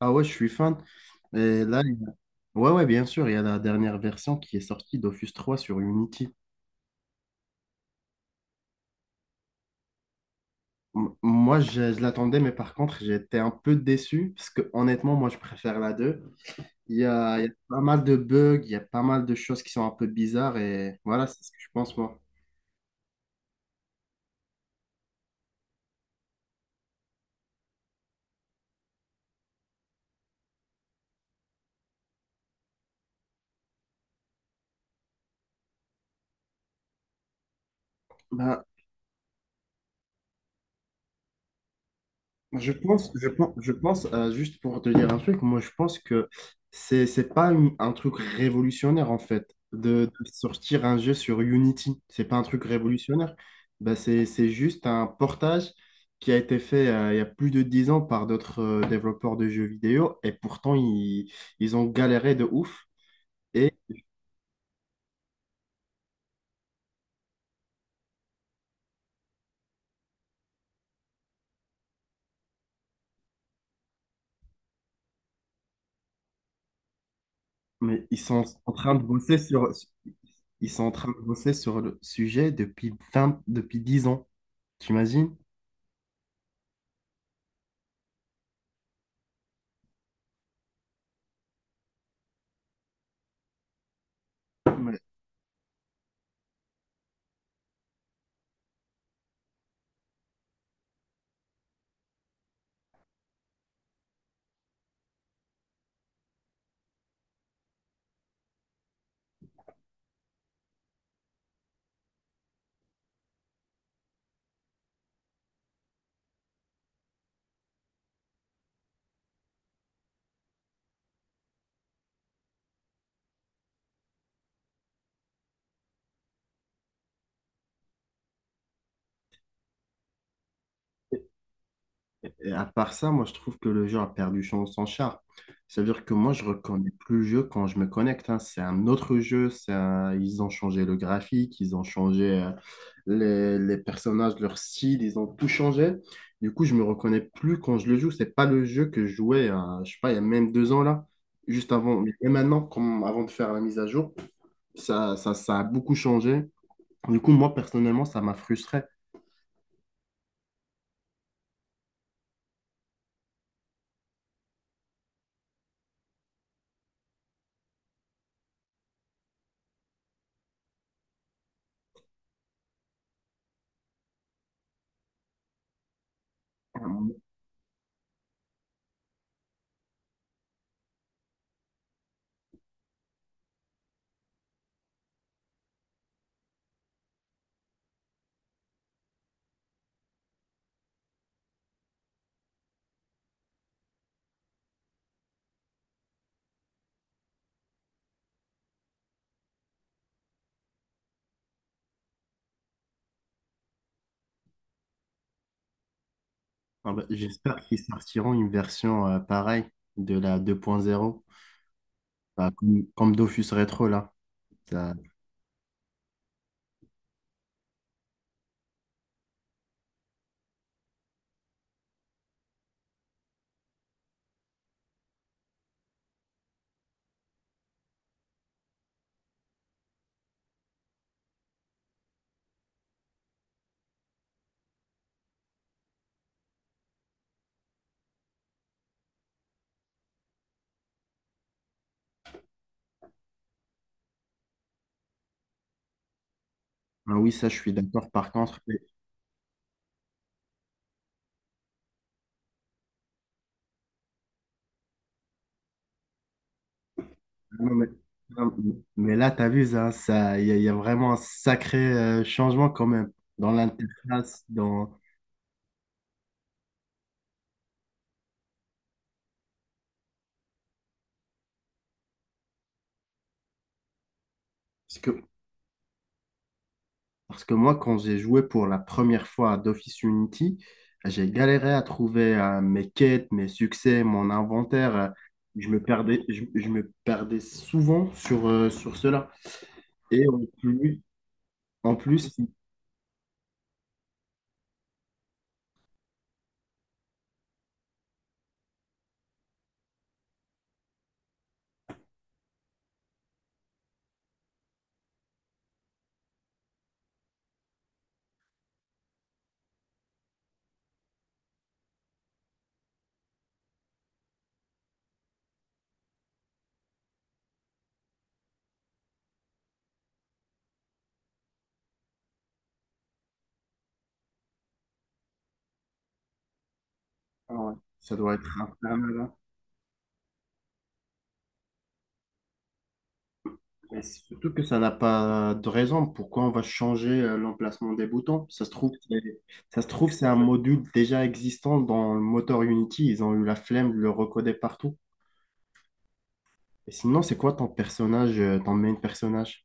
Ah ouais, je suis fan. Et là, ouais, ouais, bien sûr, il y a la dernière version qui est sortie dofus 3 sur Unity. Moi, je l'attendais, mais par contre, j'étais un peu déçu parce que honnêtement, moi, je préfère la 2. Il y a pas mal de bugs, il y a pas mal de choses qui sont un peu bizarres et voilà, c'est ce que je pense, moi. Ben, je pense, juste pour te dire un truc, moi je pense que c'est pas un truc révolutionnaire en fait, de sortir un jeu sur Unity. C'est pas un truc révolutionnaire. Bah, c'est juste un portage qui a été fait il y a plus de 10 ans par d'autres développeurs de jeux vidéo et pourtant ils ont galéré de ouf. Et mais ils sont en train de bosser sur, ils sont en train de bosser sur le sujet depuis 20 depuis 10 ans. T'imagines? Et à part ça, moi, je trouve que le jeu a perdu son, son charme. C'est-à-dire que moi, je reconnais plus le jeu quand je me connecte, hein. C'est un autre jeu. Ils ont changé le graphique, ils ont changé les personnages, leur style, ils ont tout changé. Du coup, je me reconnais plus quand je le joue. C'est pas le jeu que je jouais, je sais pas, il y a même 2 ans là, juste avant. Et maintenant, comme avant de faire la mise à jour, ça a beaucoup changé. Du coup, moi, personnellement, ça m'a frustré. Ah bah, j'espère qu'ils sortiront une version pareille de la 2.0, bah, comme Dofus Retro là. Ça- Ah oui, ça je suis d'accord par contre. Mais, ah non, ah, mais là, t'as vu ça, il y a vraiment un sacré changement quand même dans l'interface, dans... Parce que, parce que moi, quand j'ai joué pour la première fois à Dofus Unity, j'ai galéré à trouver mes quêtes, mes succès, mon inventaire. Je me perdais souvent sur, sur cela. Et en plus, ah ouais, ça doit être un peu malin. Et surtout que ça n'a pas de raison. Pourquoi on va changer l'emplacement des boutons? Ça se trouve, ça se trouve, c'est un module déjà existant dans le moteur Unity. Ils ont eu la flemme de le recoder partout. Et sinon, c'est quoi ton personnage, ton main personnage?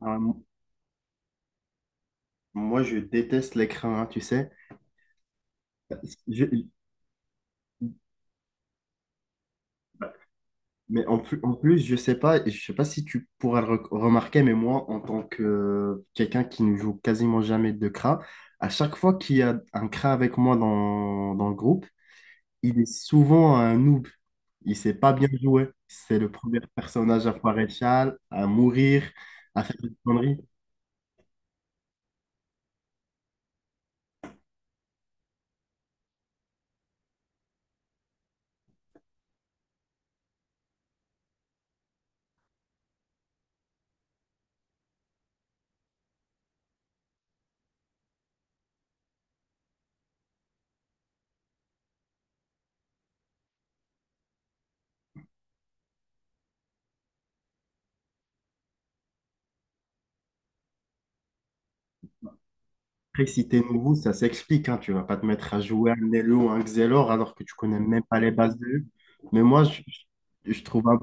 Ah, moi, je déteste l'écran, hein, tu sais. Je- Mais en plus, je sais pas si tu pourras le remarquer, mais moi, en tant que quelqu'un qui ne joue quasiment jamais de CRA, à chaque fois qu'il y a un CRA avec moi dans le groupe, il est souvent un noob. Il sait pas bien jouer. C'est le premier personnage à foirer le châle, à mourir, à faire des conneries. Après, si t'es nouveau, ça s'explique, hein. Tu vas pas te mettre à jouer un Nelo ou un Xelor alors que tu connais même pas les bases de jeu. Mais moi, je trouve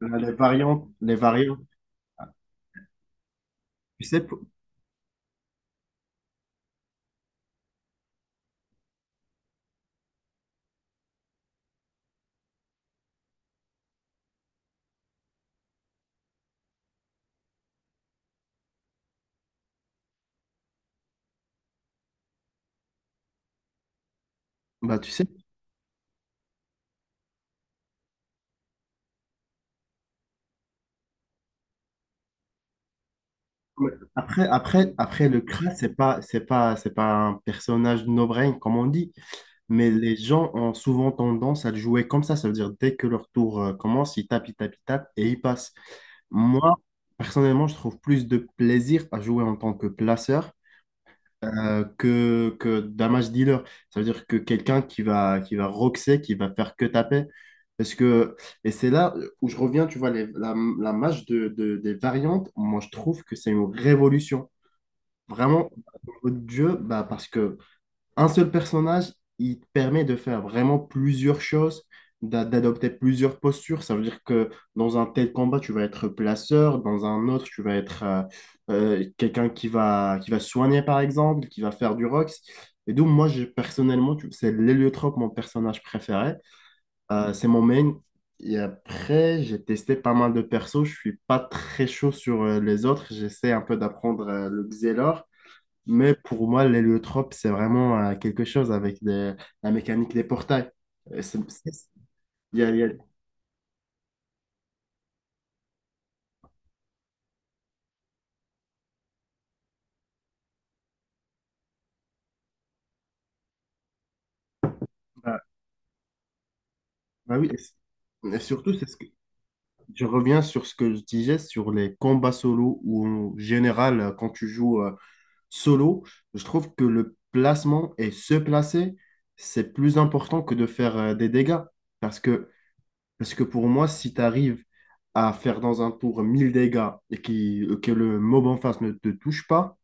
les variantes, les variantes. Tu sais, bah, tu sais, ouais. Après le crash, c'est pas un personnage no-brain, comme on dit, mais les gens ont souvent tendance à le jouer comme ça. Ça veut dire, dès que leur tour commence, ils tapent, ils tapent, ils tapent et ils passent. Moi, personnellement, je trouve plus de plaisir à jouer en tant que placeur que d'un match dealer. Ça veut dire que quelqu'un qui va roxer, qui va faire que taper. Parce que, et c'est là où je reviens, tu vois, la match des variantes, moi je trouve que c'est une révolution. Vraiment, au niveau du jeu, bah, parce que un seul personnage, il te permet de faire vraiment plusieurs choses, d'adopter plusieurs postures. Ça veut dire que dans un tel combat, tu vas être placeur, dans un autre, tu vas être quelqu'un qui va soigner, par exemple, qui va faire du rox. Et donc, moi, personnellement, c'est l'héliotrope, mon personnage préféré. C'est mon main. Et après, j'ai testé pas mal de persos. Je suis pas très chaud sur les autres. J'essaie un peu d'apprendre le Xelor. Mais pour moi, l'héliotrope, c'est vraiment quelque chose avec la mécanique des portails. Euh, c'est- c'est- il y a- il y a- bah, bah oui. Et surtout, je reviens sur ce que je disais sur les combats solo, où en général, quand tu joues solo, je trouve que le placement et se placer, c'est plus important que de faire des dégâts. Parce que, parce que pour moi, si tu arrives à faire dans un tour 1 000 dégâts et qui, que le mob en face ne te touche pas,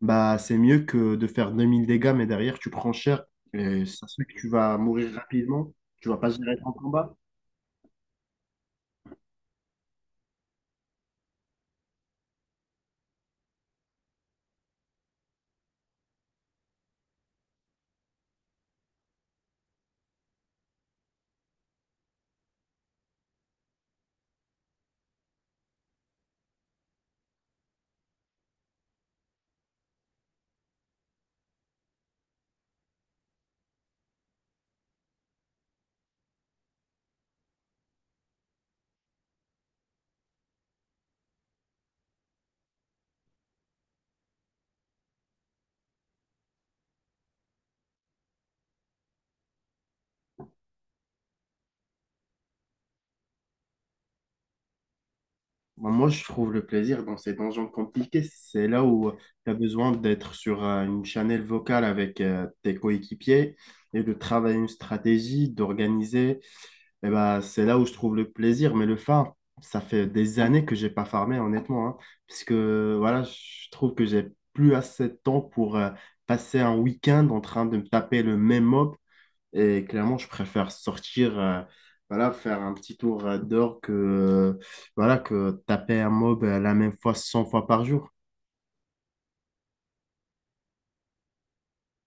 bah, c'est mieux que de faire 2 000 dégâts, mais derrière, tu prends cher. Et ça se fait que tu vas mourir rapidement. Tu vas pas gérer ton combat. Bah, moi, je trouve le plaisir dans ces donjons compliqués. C'est là où tu as besoin d'être sur une channel vocale avec tes coéquipiers et de travailler une stratégie, d'organiser. Et ben, c'est là où je trouve le plaisir, mais le farm, ça fait des années que j'ai pas farmé, honnêtement, hein, puisque voilà, je trouve que j'ai plus assez de temps pour passer un week-end en train de me taper le même mob, et clairement, je préfère sortir, voilà, faire un petit tour dehors que, voilà, que taper un mob la même fois 100 fois par jour.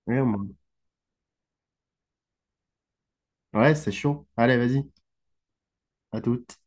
Ouais, ouais, c'est chaud. Allez, vas-y, à toute.